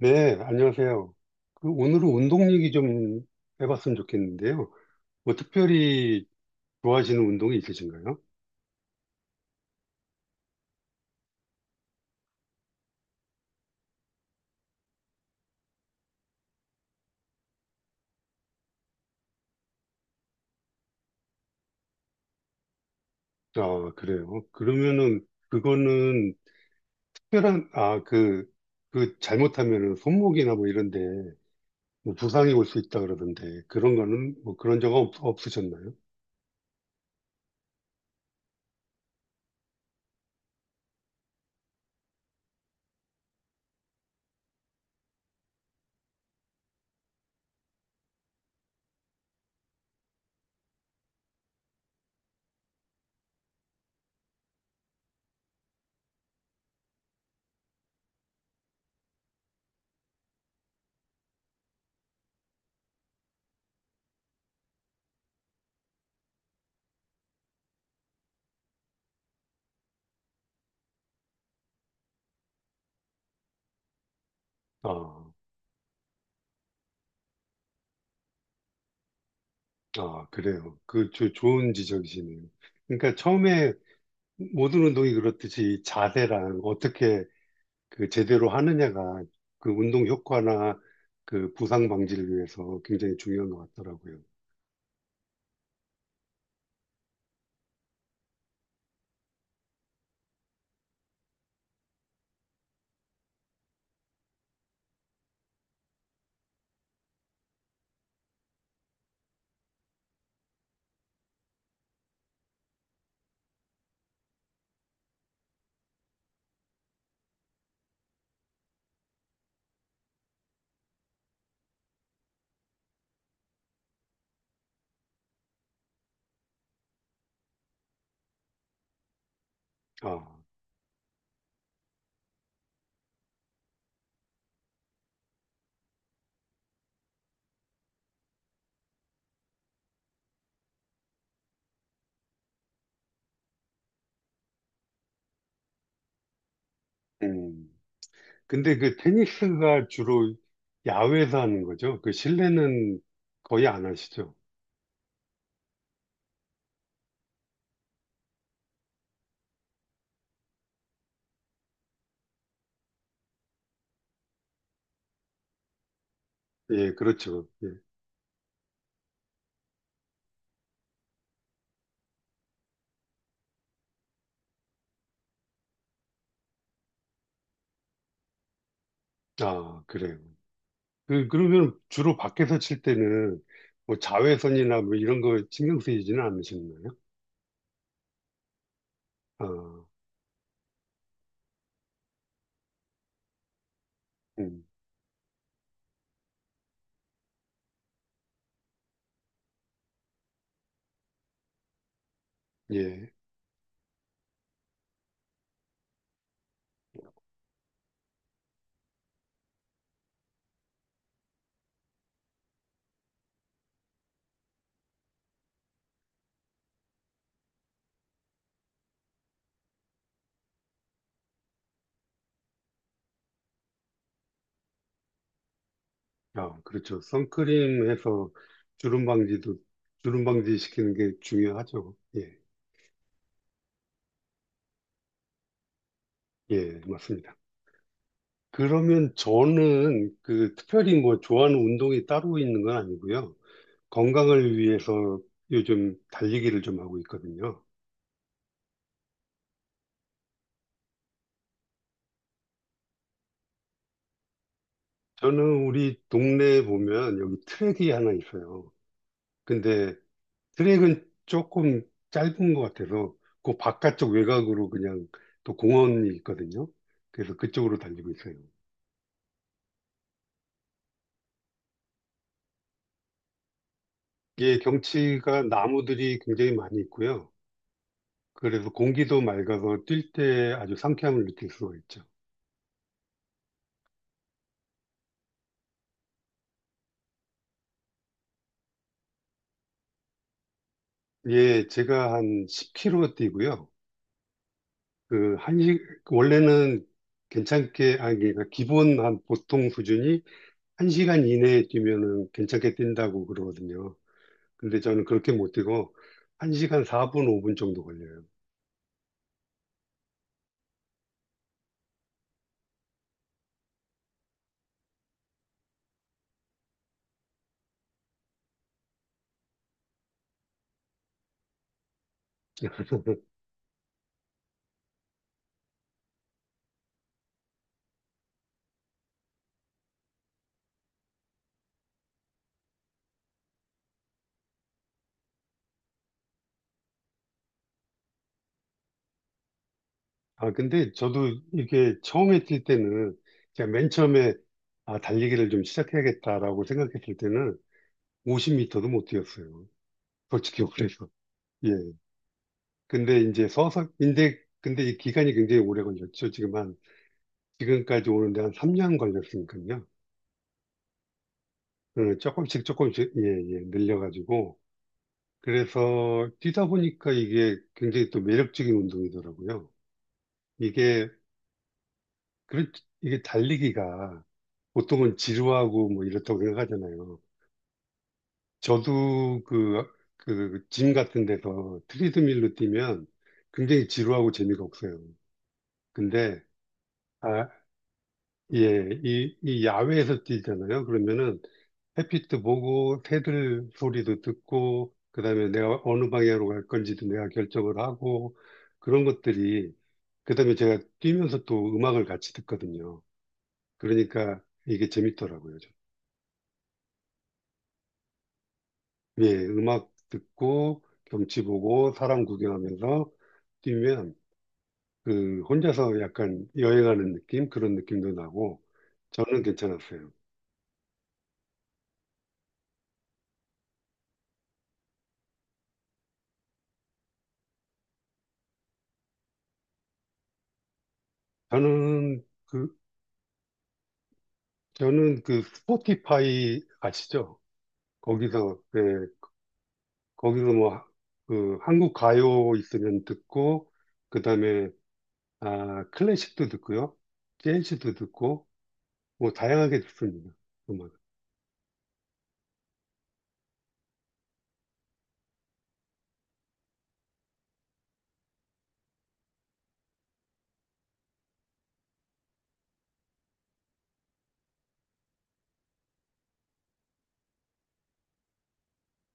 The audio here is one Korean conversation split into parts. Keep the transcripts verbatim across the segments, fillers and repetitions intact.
네, 안녕하세요. 그 오늘은 운동 얘기 좀 해봤으면 좋겠는데요. 뭐 특별히 좋아하시는 운동이 있으신가요? 아, 그래요. 그러면은 그거는 특별한, 아, 그, 그 잘못하면은 손목이나 뭐 이런 데뭐 부상이 올 수 있다 그러던데 그런 거는 뭐 그런 적 없, 없으셨나요? 아, 아, 그래요. 그 조- 좋은 지적이시네요. 그러니까 처음에 모든 운동이 그렇듯이 자세랑 어떻게 그 제대로 하느냐가 그 운동 효과나 그 부상 방지를 위해서 굉장히 중요한 것 같더라고요. 아, 음. 근데 그 테니스가 주로 야외에서 하는 거죠? 그 실내는 거의 안 하시죠? 예, 그렇죠. 예. 아, 그래요. 그, 그러면 주로 밖에서 칠 때는 뭐 자외선이나 뭐 이런 거 신경 쓰이지는 않으셨나요? 아, 음, 예. 아, 그렇죠. 선크림 해서 주름 방지도, 주름 방지 시키는 게 중요하죠. 예, 예, 맞습니다. 그러면 저는 그 특별히 뭐 좋아하는 운동이 따로 있는 건 아니고요. 건강을 위해서 요즘 달리기를 좀 하고 있거든요. 저는 우리 동네에 보면 여기 트랙이 하나 있어요. 근데 트랙은 조금 짧은 것 같아서 그 바깥쪽 외곽으로 그냥 또 공원이 있거든요. 그래서 그쪽으로 달리고 있어요. 이게 경치가 나무들이 굉장히 많이 있고요. 그래서 공기도 맑아서 뛸 때 아주 상쾌함을 느낄 수가 있죠. 예, 제가 한 십 킬로미터 뛰고요. 그, 한 시, 원래는 괜찮게, 아니, 그러니까 기본 한 보통 수준이 한 시간 이내에 뛰면은 괜찮게 뛴다고 그러거든요. 근데 저는 그렇게 못 뛰고 한 시간 사 분, 오 분 정도 걸려요. 아, 근데 저도 이게 처음에 뛸 때는 제가 맨 처음에 아, 달리기를 좀 시작해야겠다라고 생각했을 때는 오 영 미터도 못 뛰었어요. 솔직히 그래서. 예. 근데 이제 서서, 근데, 근데 이 기간이 굉장히 오래 걸렸죠. 지금 한, 지금까지 오는데 한 삼 년 걸렸으니까요. 어, 조금씩 조금씩, 예, 예, 늘려가지고. 그래서 뛰다 보니까 이게 굉장히 또 매력적인 운동이더라고요. 이게, 그, 이게 달리기가 보통은 지루하고 뭐 이렇다고 생각하잖아요. 저도 그, 그, 그 짐 같은 데서 트리드밀로 뛰면 굉장히 지루하고 재미가 없어요. 근데, 아, 예, 이, 이 야외에서 뛰잖아요. 그러면은 햇빛도 보고, 새들 소리도 듣고, 그다음에 내가 어느 방향으로 갈 건지도 내가 결정을 하고, 그런 것들이, 그다음에 제가 뛰면서 또 음악을 같이 듣거든요. 그러니까 이게 재밌더라고요. 좀. 예, 음악 듣고, 경치 보고, 사람 구경하면서 뛰면, 그, 혼자서 약간 여행하는 느낌? 그런 느낌도 나고, 저는 괜찮았어요. 저는 그 저는 그 스포티파이 아시죠? 거기서 예, 거기서 뭐 그 한국 가요 있으면 듣고 그다음에 아 클래식도 듣고요. 재즈도 듣고 뭐 다양하게 듣습니다. 음악.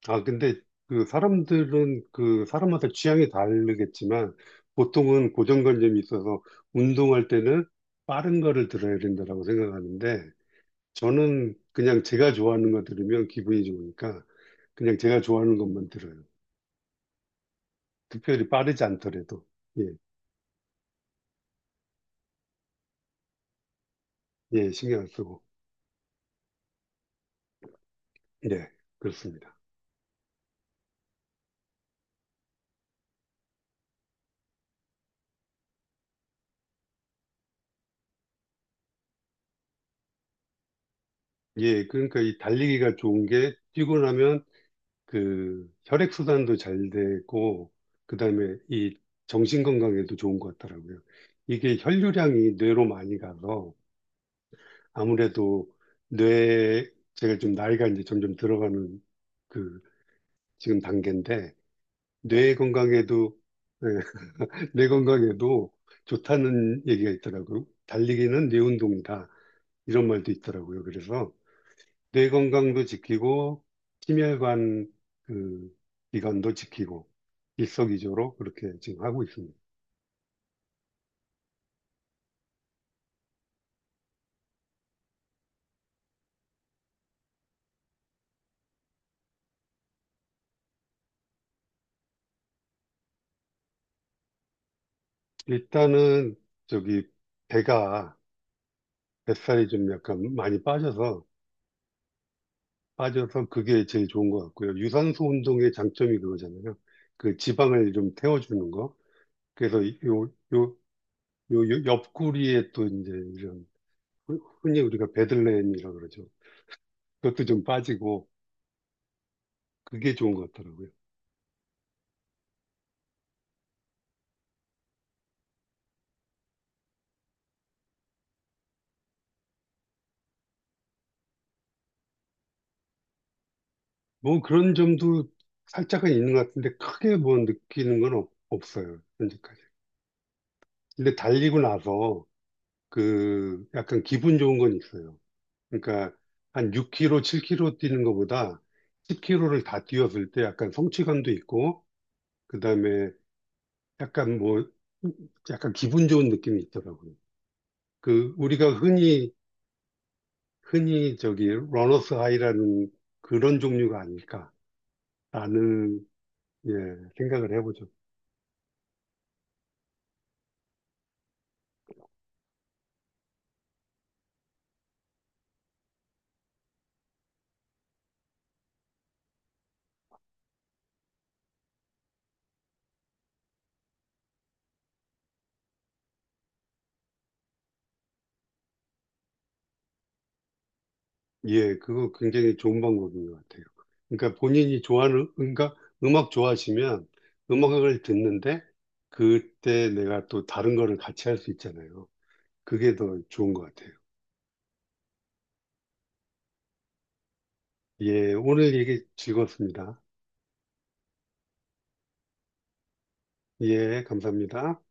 아 근데 그 사람들은 그 사람마다 취향이 다르겠지만 보통은 고정관념이 있어서 운동할 때는 빠른 거를 들어야 된다라고 생각하는데 저는 그냥 제가 좋아하는 거 들으면 기분이 좋으니까 그냥 제가 좋아하는 것만 들어요. 특별히 빠르지 않더라도, 예, 예, 신경 안 쓰고, 네, 그렇습니다. 예, 그러니까 이 달리기가 좋은 게 뛰고 나면 그 혈액순환도 잘 되고, 그 다음에 이 정신 건강에도 좋은 것 같더라고요. 이게 혈류량이 뇌로 많이 가서 아무래도 뇌, 제가 좀 나이가 이제 점점 들어가는 그 지금 단계인데, 뇌 건강에도, 예, 뇌 건강에도 좋다는 얘기가 있더라고요. 달리기는 뇌 운동이다. 이런 말도 있더라고요. 그래서 뇌 건강도 지키고 심혈관 그 기관도 지키고 일석이조로 그렇게 지금 하고 있습니다. 일단은 저기 배가 뱃살이 좀 약간 많이 빠져서 빠져서 그게 제일 좋은 것 같고요. 유산소 운동의 장점이 그거잖아요. 그 지방을 좀 태워주는 거. 그래서 이- 요, 요, 요, 요 옆구리에 또 이제 이런 흔- 흔히 우리가 베들레헴이라고 그러죠. 그것도 좀 빠지고 그게 좋은 것 같더라고요. 뭐 그런 점도 살짝은 있는 것 같은데 크게 뭐 느끼는 건 없, 없어요. 현재까지. 근데 달리고 나서 그 약간 기분 좋은 건 있어요. 그러니까 한 육 킬로미터, 칠 킬로미터 뛰는 것보다 십 킬로미터를 다 뛰었을 때 약간 성취감도 있고 그다음에 약간 뭐 약간 기분 좋은 느낌이 있더라고요. 그 우리가 흔히 흔히 저기 러너스 하이라는 그런 종류가 아닐까라는 예, 생각을 해보죠. 예, 그거 굉장히 좋은 방법인 것 같아요. 그러니까 본인이 좋아하는, 그러니까 음악 좋아하시면 음악을 듣는데 그때 내가 또 다른 거를 같이 할 수 있잖아요. 그게 더 좋은 것 같아요. 예, 오늘 얘기 즐거웠습니다. 예, 감사합니다.